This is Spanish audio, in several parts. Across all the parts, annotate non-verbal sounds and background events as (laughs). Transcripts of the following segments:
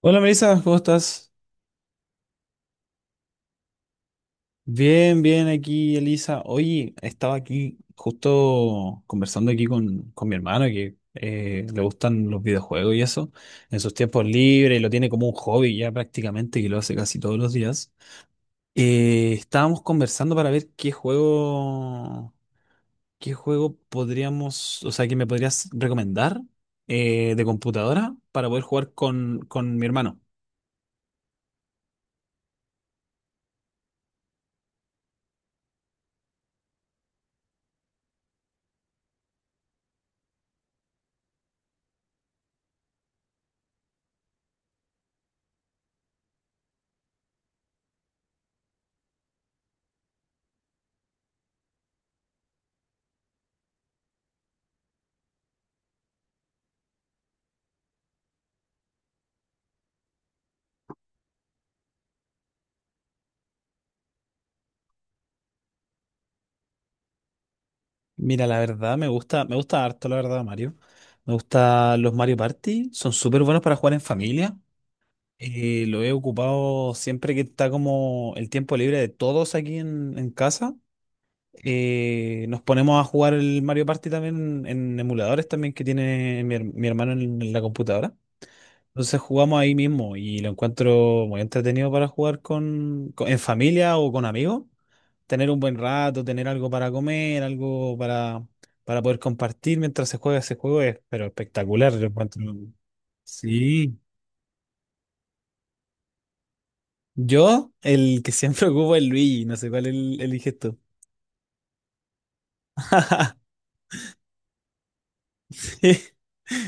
Hola Melissa, ¿cómo estás? Bien, bien aquí, Elisa. Oye, estaba aquí justo conversando aquí con mi hermano que le gustan los videojuegos y eso, en sus tiempos libres, y lo tiene como un hobby ya prácticamente, que lo hace casi todos los días. Estábamos conversando para ver qué juego podríamos, o sea, que me podrías recomendar de computadora para poder jugar con mi hermano. Mira, la verdad me gusta harto, la verdad, Mario. Me gustan los Mario Party, son súper buenos para jugar en familia. Lo he ocupado siempre que está como el tiempo libre de todos aquí en casa. Nos ponemos a jugar el Mario Party también en emuladores también que tiene mi hermano en la computadora. Entonces jugamos ahí mismo y lo encuentro muy entretenido para jugar en familia o con amigos, tener un buen rato, tener algo para comer, algo para poder compartir mientras se juega ese juego es, pero espectacular, lo encuentro. Sí. Yo, el que siempre (laughs) ocupo es Luigi, no sé cuál el, eliges tú. (laughs)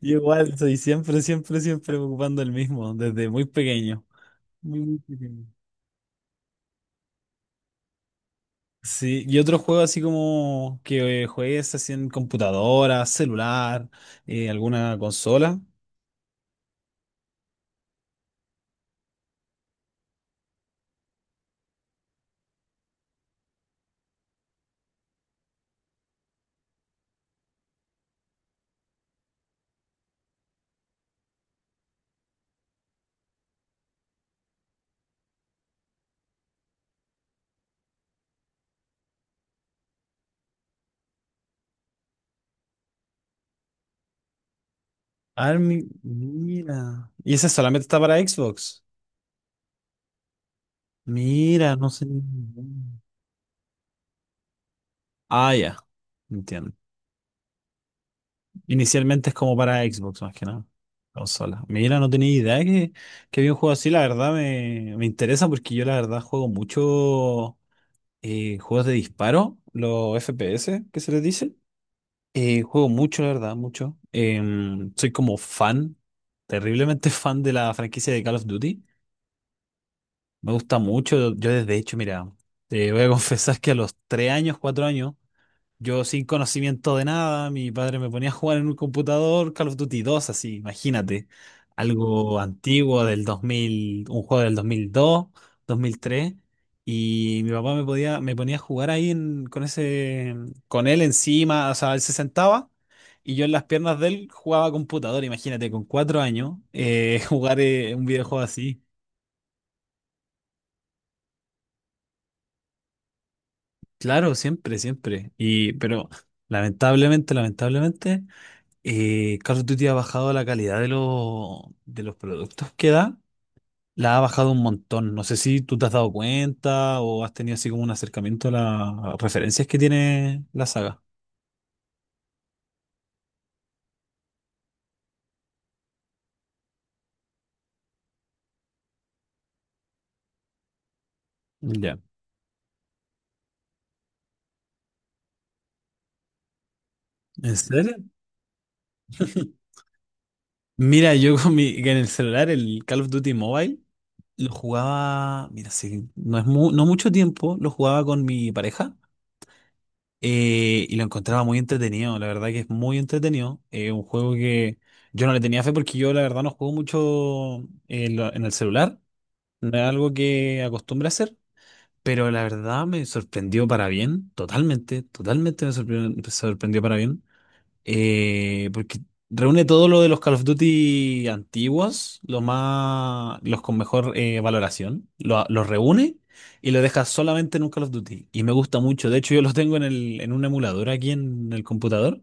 Yo igual soy siempre, siempre, siempre ocupando el mismo, desde muy pequeño. Muy, muy pequeño. Sí, ¿y otro juego así como que juegues así en computadora, celular, alguna consola? Army, mira. ¿Y ese solamente está para Xbox? Mira, no sé. Ah, ya. Entiendo. Inicialmente es como para Xbox más que nada. Consola. Mira, no tenía idea que había un juego así. La verdad me, me interesa porque yo la verdad juego mucho juegos de disparo, los FPS que se les dice. Juego mucho, la verdad, mucho. Soy como fan, terriblemente (laughs) fan de la franquicia de Call of Duty. Me gusta mucho. Yo desde hecho, mira, te voy a (laughs) confesar que a los 3 años, 4 años. Yo sin conocimiento de nada, mi padre me ponía a jugar en un computador Call of Duty 2 así, imagínate. Algo antiguo del 2000, un juego del 2002, 2003. Y mi papá me podía, me ponía a jugar ahí con ese, con él encima, o sea, él se sentaba y yo en las piernas de él jugaba computador, imagínate, con cuatro años, (laughs) jugar un videojuego así. Claro, siempre, siempre. Y, pero lamentablemente, lamentablemente, Call of Duty ha bajado la calidad de los productos que da, la ha bajado un montón. No sé si tú te has dado cuenta o has tenido así como un acercamiento a las referencias que tiene la saga. Ya. ¿En serio? (laughs) Mira, yo con mi, en el celular, el Call of Duty Mobile, lo jugaba, mira, sí, no mucho tiempo, lo jugaba con mi pareja. Y lo encontraba muy entretenido, la verdad que es muy entretenido. Un juego que yo no le tenía fe porque yo la verdad no juego mucho en el celular, no es algo que acostumbre a hacer, pero la verdad me sorprendió para bien, totalmente, totalmente me sorprendió, sorprendió para bien. Porque reúne todo lo de los Call of Duty antiguos, los más, los con mejor valoración, los reúne y los deja solamente en un Call of Duty. Y me gusta mucho. De hecho, yo los tengo en un emulador aquí en el computador.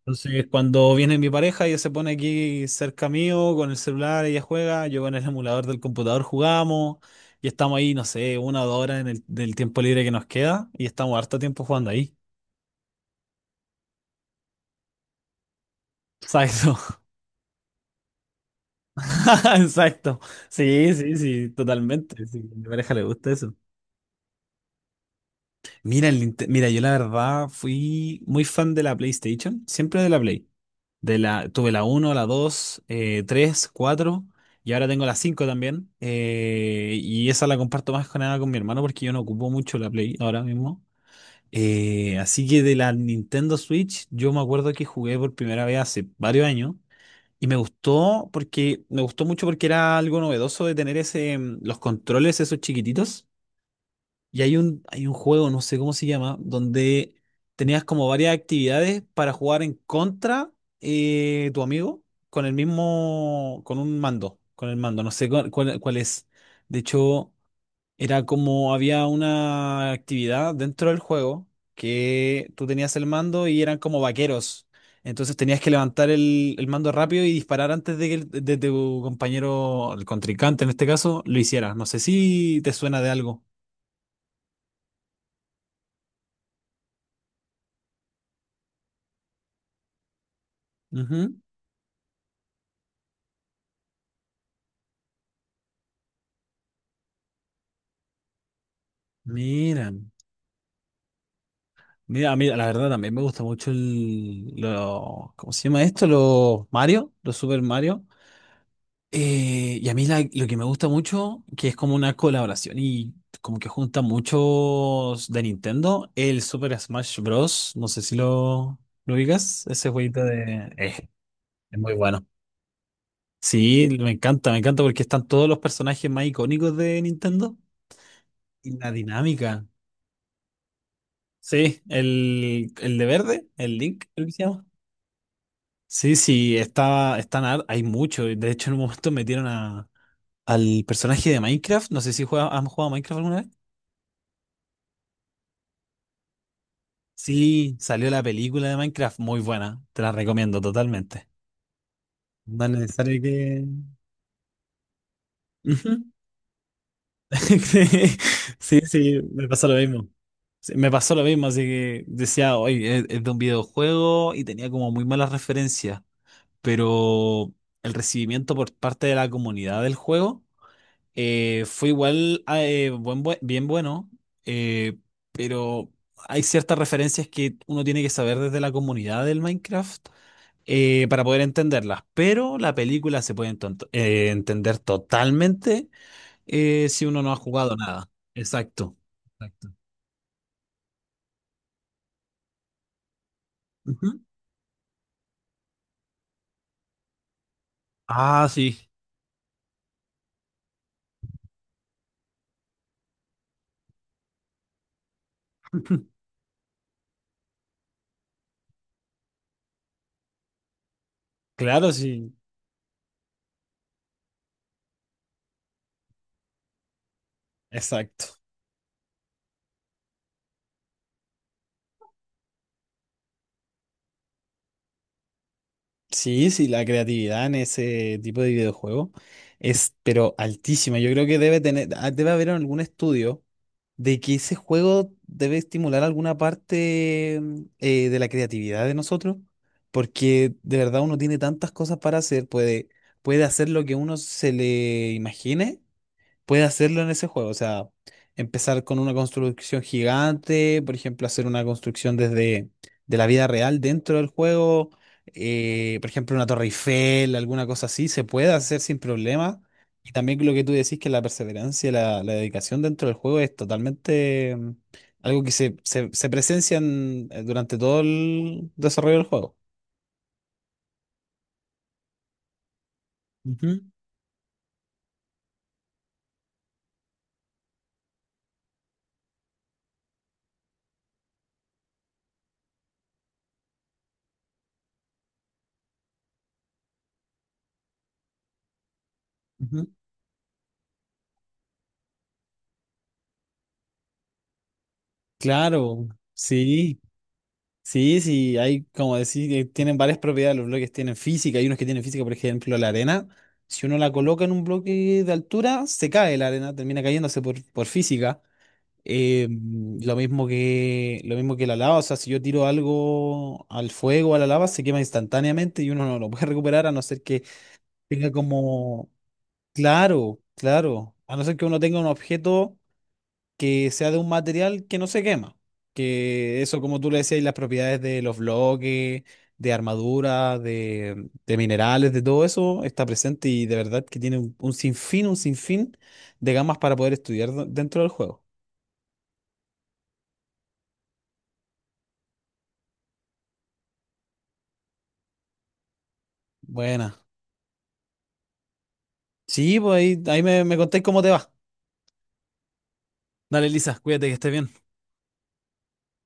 Entonces, cuando viene mi pareja, ella se pone aquí cerca mío con el celular, ella juega, yo con el emulador del computador jugamos y estamos ahí, no sé, una o dos horas en del tiempo libre que nos queda y estamos harto tiempo jugando ahí. (laughs) ¿Sabes? (laughs) Exacto. Sí, sí, sí, totalmente. Sí, a mi pareja le gusta eso. Mira, yo la verdad fui muy fan de la PlayStation, siempre de la Play. De la, tuve la uno, la 2, 3, 4 y ahora tengo la 5 también. Y esa la comparto más que nada con mi hermano porque yo no ocupo mucho la Play ahora mismo. Así que de la Nintendo Switch, yo me acuerdo que jugué por primera vez hace varios años. Y me gustó porque me gustó mucho porque era algo novedoso de tener ese los controles esos chiquititos. Y hay un juego, no sé cómo se llama, donde tenías como varias actividades para jugar en contra tu amigo con el mismo con un mando, con el mando, no sé cuál es. De hecho, era como había una actividad dentro del juego que tú tenías el mando y eran como vaqueros. Entonces tenías que levantar el mando rápido y disparar antes de que de tu compañero, el contrincante en este caso, lo hiciera. No sé si te suena de algo. Ujú. Mira, mira, a mí la verdad también me gusta mucho el, lo, ¿cómo se llama esto? Los Mario, los Super Mario. Y a mí lo que me gusta mucho, que es como una colaboración y como que junta muchos de Nintendo, el Super Smash Bros. No sé si lo, lo ubicas, ese jueguito de... es muy bueno. Sí, me encanta porque están todos los personajes más icónicos de Nintendo y la dinámica. Sí, el de verde, el Link, creo que se llama. Sí, sí, está, están, hay mucho. De hecho, en un momento metieron al personaje de Minecraft. No sé si juega, han jugado a Minecraft alguna vez. Sí, salió la película de Minecraft, muy buena, te la recomiendo totalmente. No es necesario que... Ujú. (laughs) Sí, sí, me pasó lo mismo. Sí, me pasó lo mismo, así que decía, oye, es de un videojuego y tenía como muy malas referencias, pero el recibimiento por parte de la comunidad del juego fue igual bien bueno, eh, pero hay ciertas referencias que uno tiene que saber desde la comunidad del Minecraft para poder entenderlas, pero la película se puede entender totalmente si uno no ha jugado nada. Exacto. Exacto. Ujú. Ah, sí. Claro, sí, exacto. Sí, sí, la creatividad en ese tipo de videojuego es, pero altísima. Yo creo que debe tener, ah, debe haber algún estudio de que ese juego debe estimular alguna parte de la creatividad de nosotros, porque de verdad uno tiene tantas cosas para hacer, puede, puede hacer lo que uno se le imagine, puede hacerlo en ese juego. O sea, empezar con una construcción gigante, por ejemplo, hacer una construcción desde de la vida real dentro del juego, por ejemplo, una torre Eiffel, alguna cosa así, se puede hacer sin problema. Y también lo que tú decís, que la perseverancia y la dedicación dentro del juego es totalmente algo que se presencia durante todo el desarrollo del juego. Ujú, ujú. Claro, sí. Sí, sí, hay, como decir, tienen varias propiedades, los bloques tienen física, hay unos que tienen física, por ejemplo, la arena. Si uno la coloca en un bloque de altura, se cae la arena, termina cayéndose por física. Lo mismo que la lava, o sea, si yo tiro algo al fuego, a la lava, se quema instantáneamente y uno no lo puede (laughs) recuperar a no ser que tenga como, claro, claro, a no ser que uno tenga un objeto que sea de un material que no se quema. Que eso, como tú le decías, y las propiedades de los bloques, de armadura, de minerales, de todo eso, está presente y de verdad que tiene un sinfín de gamas para poder estudiar dentro del juego. Buena. Sí, pues ahí, ahí me, me contáis cómo te va. Dale, Lisa, cuídate que estés bien.